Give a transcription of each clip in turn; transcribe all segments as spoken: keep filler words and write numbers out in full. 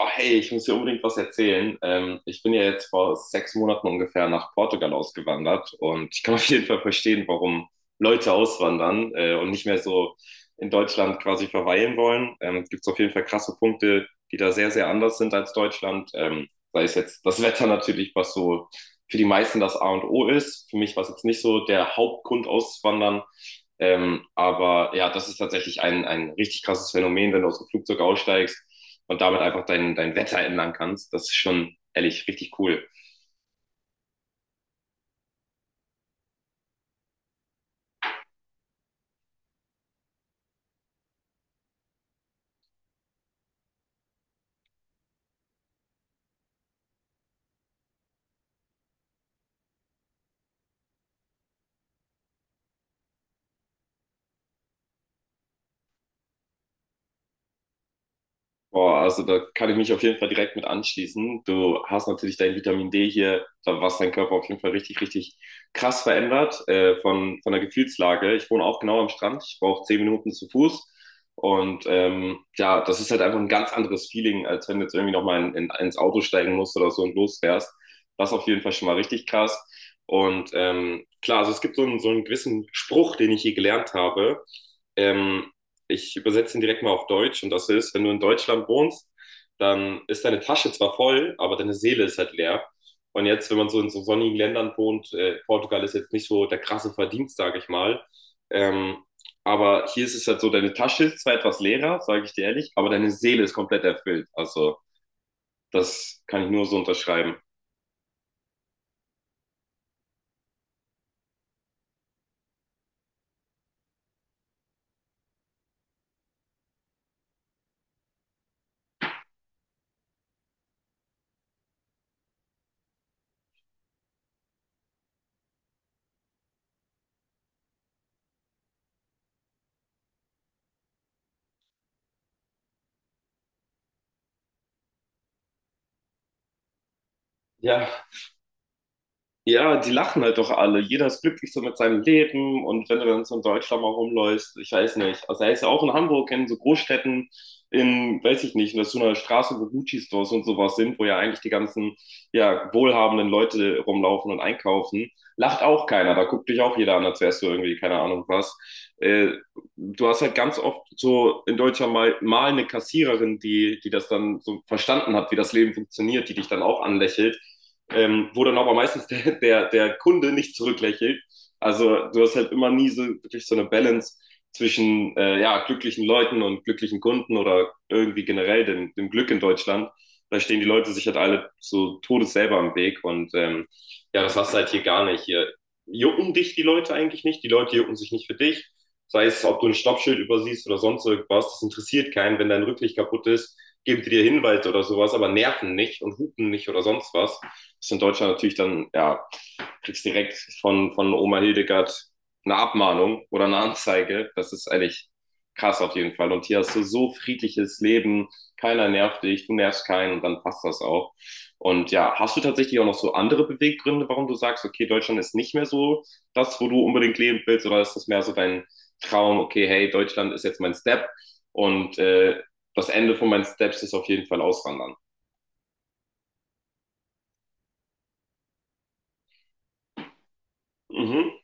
Oh, hey, ich muss dir unbedingt was erzählen. Ähm, ich bin ja jetzt vor sechs Monaten ungefähr nach Portugal ausgewandert und ich kann auf jeden Fall verstehen, warum Leute auswandern äh, und nicht mehr so in Deutschland quasi verweilen wollen. Ähm, es gibt auf jeden Fall krasse Punkte, die da sehr, sehr anders sind als Deutschland. Ähm, sei es jetzt das Wetter natürlich, was so für die meisten das A und O ist. Für mich war es jetzt nicht so der Hauptgrund auszuwandern, ähm, aber ja, das ist tatsächlich ein, ein richtig krasses Phänomen, wenn du aus dem Flugzeug aussteigst und damit einfach dein, dein Wetter ändern kannst. Das ist schon ehrlich richtig cool. Boah, also da kann ich mich auf jeden Fall direkt mit anschließen. Du hast natürlich dein Vitamin D hier, da- was dein Körper auf jeden Fall richtig, richtig krass verändert, äh, von, von der Gefühlslage. Ich wohne auch genau am Strand, ich brauche zehn Minuten zu Fuß. Und ähm, ja, das ist halt einfach ein ganz anderes Feeling, als wenn du jetzt irgendwie nochmal in, in, ins Auto steigen musst oder so und losfährst. Das auf jeden Fall schon mal richtig krass. Und ähm, klar, also es gibt so einen, so einen gewissen Spruch, den ich hier gelernt habe. Ähm, ich übersetze ihn direkt mal auf Deutsch und das ist, wenn du in Deutschland wohnst, dann ist deine Tasche zwar voll, aber deine Seele ist halt leer. Und jetzt, wenn man so in so sonnigen Ländern wohnt, äh, Portugal ist jetzt nicht so der krasse Verdienst, sage ich mal. Ähm, aber hier ist es halt so, deine Tasche ist zwar etwas leerer, sage ich dir ehrlich, aber deine Seele ist komplett erfüllt. Also das kann ich nur so unterschreiben. Ja, ja, die lachen halt doch alle. Jeder ist glücklich so mit seinem Leben. Und wenn du dann so in Deutschland mal rumläufst, ich weiß nicht. Also, er ist ja auch in Hamburg, in so Großstädten, in, weiß ich nicht, in so einer Straße, wo Gucci-Stores und sowas sind, wo ja eigentlich die ganzen, ja, wohlhabenden Leute rumlaufen und einkaufen. Lacht auch keiner. Da guckt dich auch jeder an, als wärst du irgendwie, keine Ahnung was. Äh, du hast halt ganz oft so in Deutschland mal, mal eine Kassiererin, die, die das dann so verstanden hat, wie das Leben funktioniert, die dich dann auch anlächelt, ähm, wo dann aber meistens der, der, der Kunde nicht zurücklächelt. Also du hast halt immer nie so wirklich so eine Balance zwischen äh, ja, glücklichen Leuten und glücklichen Kunden oder irgendwie generell dem, dem Glück in Deutschland. Da stehen die Leute sich halt alle so todes selber am Weg und ähm, ja, das hast du halt hier gar nicht. Hier jucken dich die Leute eigentlich nicht, die Leute jucken sich nicht für dich. Sei es, ob du ein Stoppschild übersiehst oder sonst irgendwas, das interessiert keinen. Wenn dein Rücklicht kaputt ist, geben die dir Hinweise oder sowas, aber nerven nicht und hupen nicht oder sonst was. Das ist in Deutschland natürlich dann, ja, kriegst direkt von, von Oma Hildegard eine Abmahnung oder eine Anzeige. Das ist eigentlich krass auf jeden Fall. Und hier hast du so friedliches Leben, keiner nervt dich, du nervst keinen und dann passt das auch. Und ja, hast du tatsächlich auch noch so andere Beweggründe, warum du sagst, okay, Deutschland ist nicht mehr so das, wo du unbedingt leben willst, oder ist das mehr so dein Traum, okay, hey, Deutschland ist jetzt mein Step und äh, das Ende von meinen Steps ist auf jeden Fall auswandern. Mhm.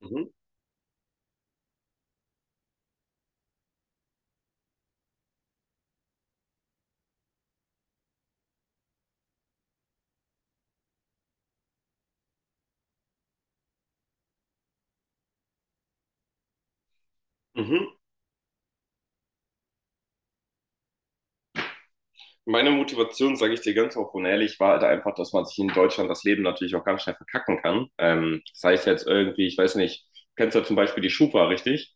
Mhm. Mhm. Meine Motivation, sage ich dir ganz offen und ehrlich, war halt einfach, dass man sich in Deutschland das Leben natürlich auch ganz schnell verkacken kann. Ähm, das heißt jetzt irgendwie, ich weiß nicht, du kennst ja zum Beispiel die Schufa, richtig?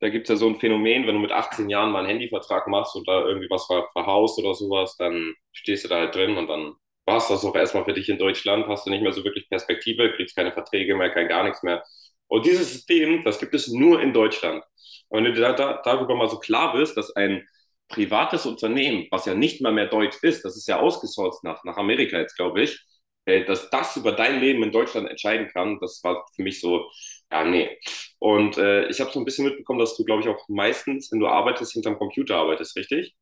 Da gibt es ja so ein Phänomen, wenn du mit achtzehn Jahren mal einen Handyvertrag machst und da irgendwie was ver verhaust oder sowas, dann stehst du da halt drin und dann war es das auch erstmal für dich in Deutschland, hast du nicht mehr so wirklich Perspektive, kriegst keine Verträge mehr, kein gar nichts mehr. Und dieses System, das gibt es nur in Deutschland. Und wenn du da, da, darüber mal so klar bist, dass ein privates Unternehmen, was ja nicht mal mehr deutsch ist, das ist ja ausgesourcet nach, nach Amerika jetzt, glaube ich, äh, dass das über dein Leben in Deutschland entscheiden kann, das war für mich so, ja, nee, und äh, ich habe so ein bisschen mitbekommen, dass du, glaube ich, auch meistens, wenn du arbeitest, hinterm Computer arbeitest, richtig?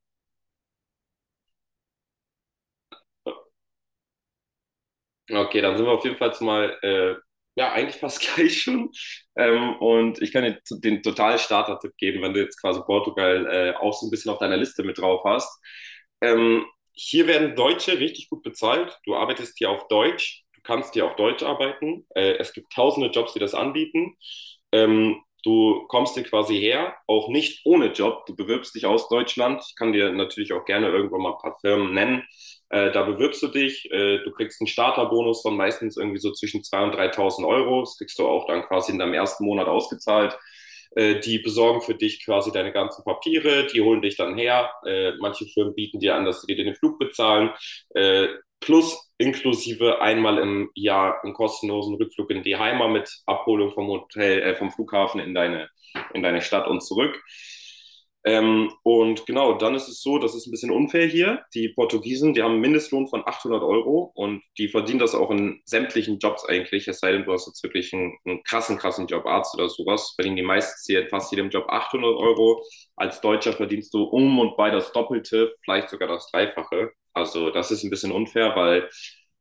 Okay, dann sind wir auf jeden Fall mal, äh, ja, eigentlich fast gleich schon. Ähm, und ich kann dir zu- den totalen Starter-Tipp geben, wenn du jetzt quasi Portugal äh, auch so ein bisschen auf deiner Liste mit drauf hast. Ähm, hier werden Deutsche richtig gut bezahlt. Du arbeitest hier auf Deutsch. Du kannst hier auf Deutsch arbeiten. Äh, es gibt tausende Jobs, die das anbieten. Ähm, du kommst hier quasi her, auch nicht ohne Job. Du bewirbst dich aus Deutschland. Ich kann dir natürlich auch gerne irgendwann mal ein paar Firmen nennen, äh, da bewirbst du dich, äh, du kriegst einen Starterbonus von meistens irgendwie so zwischen zweitausend und dreitausend Euro. Das kriegst du auch dann quasi in deinem ersten Monat ausgezahlt. Äh, die besorgen für dich quasi deine ganzen Papiere, die holen dich dann her. Äh, manche Firmen bieten dir an, dass sie dir den Flug bezahlen. Äh, plus inklusive einmal im Jahr einen kostenlosen Rückflug in die Heimat mit Abholung vom Hotel, äh, vom Flughafen in deine, in deine Stadt und zurück. Ähm, und genau, dann ist es so, das ist ein bisschen unfair hier. Die Portugiesen, die haben einen Mindestlohn von achthundert Euro und die verdienen das auch in sämtlichen Jobs eigentlich. Es sei denn, du hast jetzt wirklich einen, einen krassen, krassen Job, Arzt oder sowas, verdienen die meistens hier fast jedem Job achthundert Euro. Als Deutscher verdienst du um und bei das Doppelte, vielleicht sogar das Dreifache. Also das ist ein bisschen unfair, weil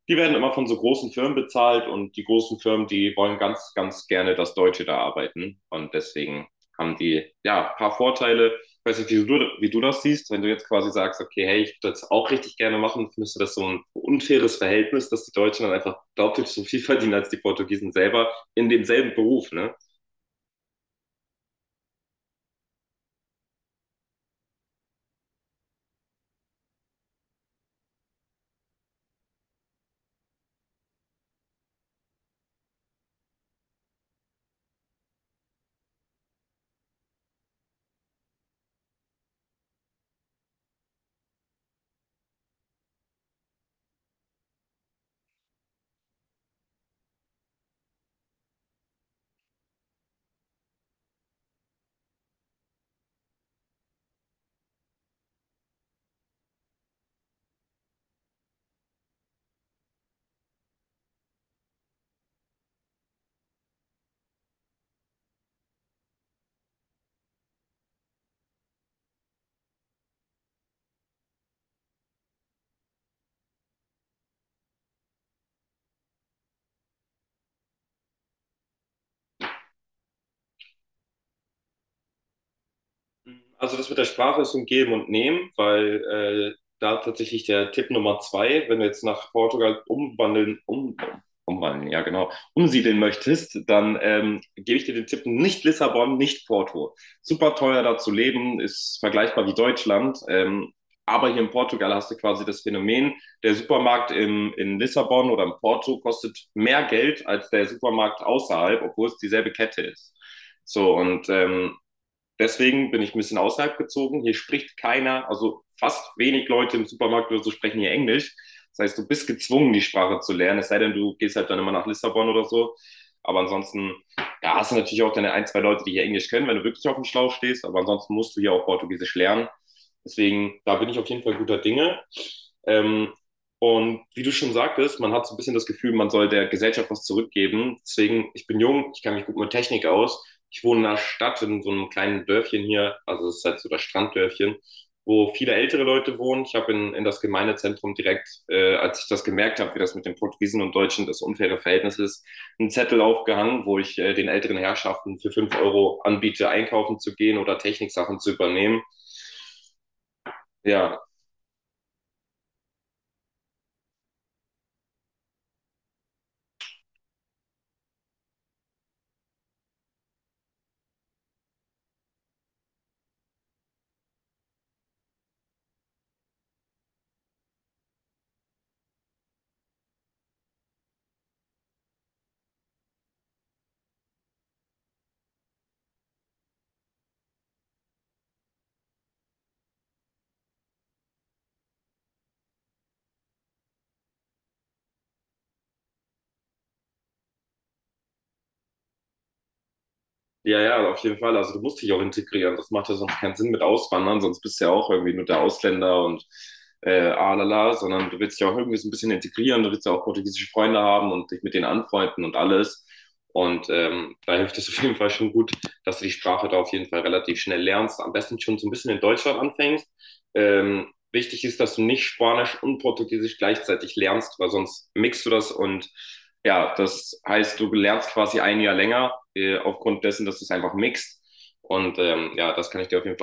die werden immer von so großen Firmen bezahlt und die großen Firmen, die wollen ganz, ganz gerne, dass Deutsche da arbeiten. Und deswegen haben die ja ein paar Vorteile. Ich weiß nicht, wie du, wie du das siehst, wenn du jetzt quasi sagst, okay, hey, ich würde das auch richtig gerne machen, findest du das so ein unfaires Verhältnis, dass die Deutschen dann einfach deutlich so viel verdienen als die Portugiesen selber in demselben Beruf, ne? Also das mit der Sprache ist so ein Geben und Nehmen, weil äh, da tatsächlich der Tipp Nummer zwei, wenn du jetzt nach Portugal umwandeln, um, umwandeln, ja genau, umsiedeln möchtest, dann ähm, gebe ich dir den Tipp nicht Lissabon, nicht Porto. Super teuer da zu leben, ist vergleichbar wie Deutschland. Ähm, aber hier in Portugal hast du quasi das Phänomen, der Supermarkt im, in Lissabon oder in Porto kostet mehr Geld als der Supermarkt außerhalb, obwohl es dieselbe Kette ist. So, und ähm, Deswegen bin ich ein bisschen außerhalb gezogen. Hier spricht keiner, also fast wenig Leute im Supermarkt oder so sprechen hier Englisch. Das heißt, du bist gezwungen, die Sprache zu lernen, es sei denn, du gehst halt dann immer nach Lissabon oder so. Aber ansonsten, ja, hast du natürlich auch deine ein, zwei Leute, die hier Englisch können, wenn du wirklich auf dem Schlauch stehst. Aber ansonsten musst du hier auch Portugiesisch lernen. Deswegen, da bin ich auf jeden Fall guter Dinge. Ähm, und wie du schon sagtest, man hat so ein bisschen das Gefühl, man soll der Gesellschaft was zurückgeben. Deswegen, ich bin jung, ich kann mich gut mit Technik aus. Ich wohne in einer Stadt, in so einem kleinen Dörfchen hier, also es ist halt so das Stranddörfchen, wo viele ältere Leute wohnen. Ich habe in, in das Gemeindezentrum direkt, äh, als ich das gemerkt habe, wie das mit den Portugiesen und Deutschen das unfaire Verhältnis ist, einen Zettel aufgehangen, wo ich äh, den älteren Herrschaften für fünf Euro anbiete, einkaufen zu gehen oder Techniksachen zu übernehmen. Ja, ja, ja, auf jeden Fall. Also du musst dich auch integrieren. Das macht ja sonst keinen Sinn mit Auswandern, sonst bist du ja auch irgendwie nur der Ausländer und äh, alala, sondern du willst dich auch irgendwie so ein bisschen integrieren, du willst ja auch portugiesische Freunde haben und dich mit denen anfreunden und alles. Und ähm, da hilft es auf jeden Fall schon gut, dass du die Sprache da auf jeden Fall relativ schnell lernst. Am besten schon so ein bisschen in Deutschland anfängst. Ähm, wichtig ist, dass du nicht Spanisch und Portugiesisch gleichzeitig lernst, weil sonst mixt du das und ja, das heißt, du lernst quasi ein Jahr länger äh, aufgrund dessen, dass du es einfach mixt. Und ähm, ja, das kann ich dir auf jeden Fall.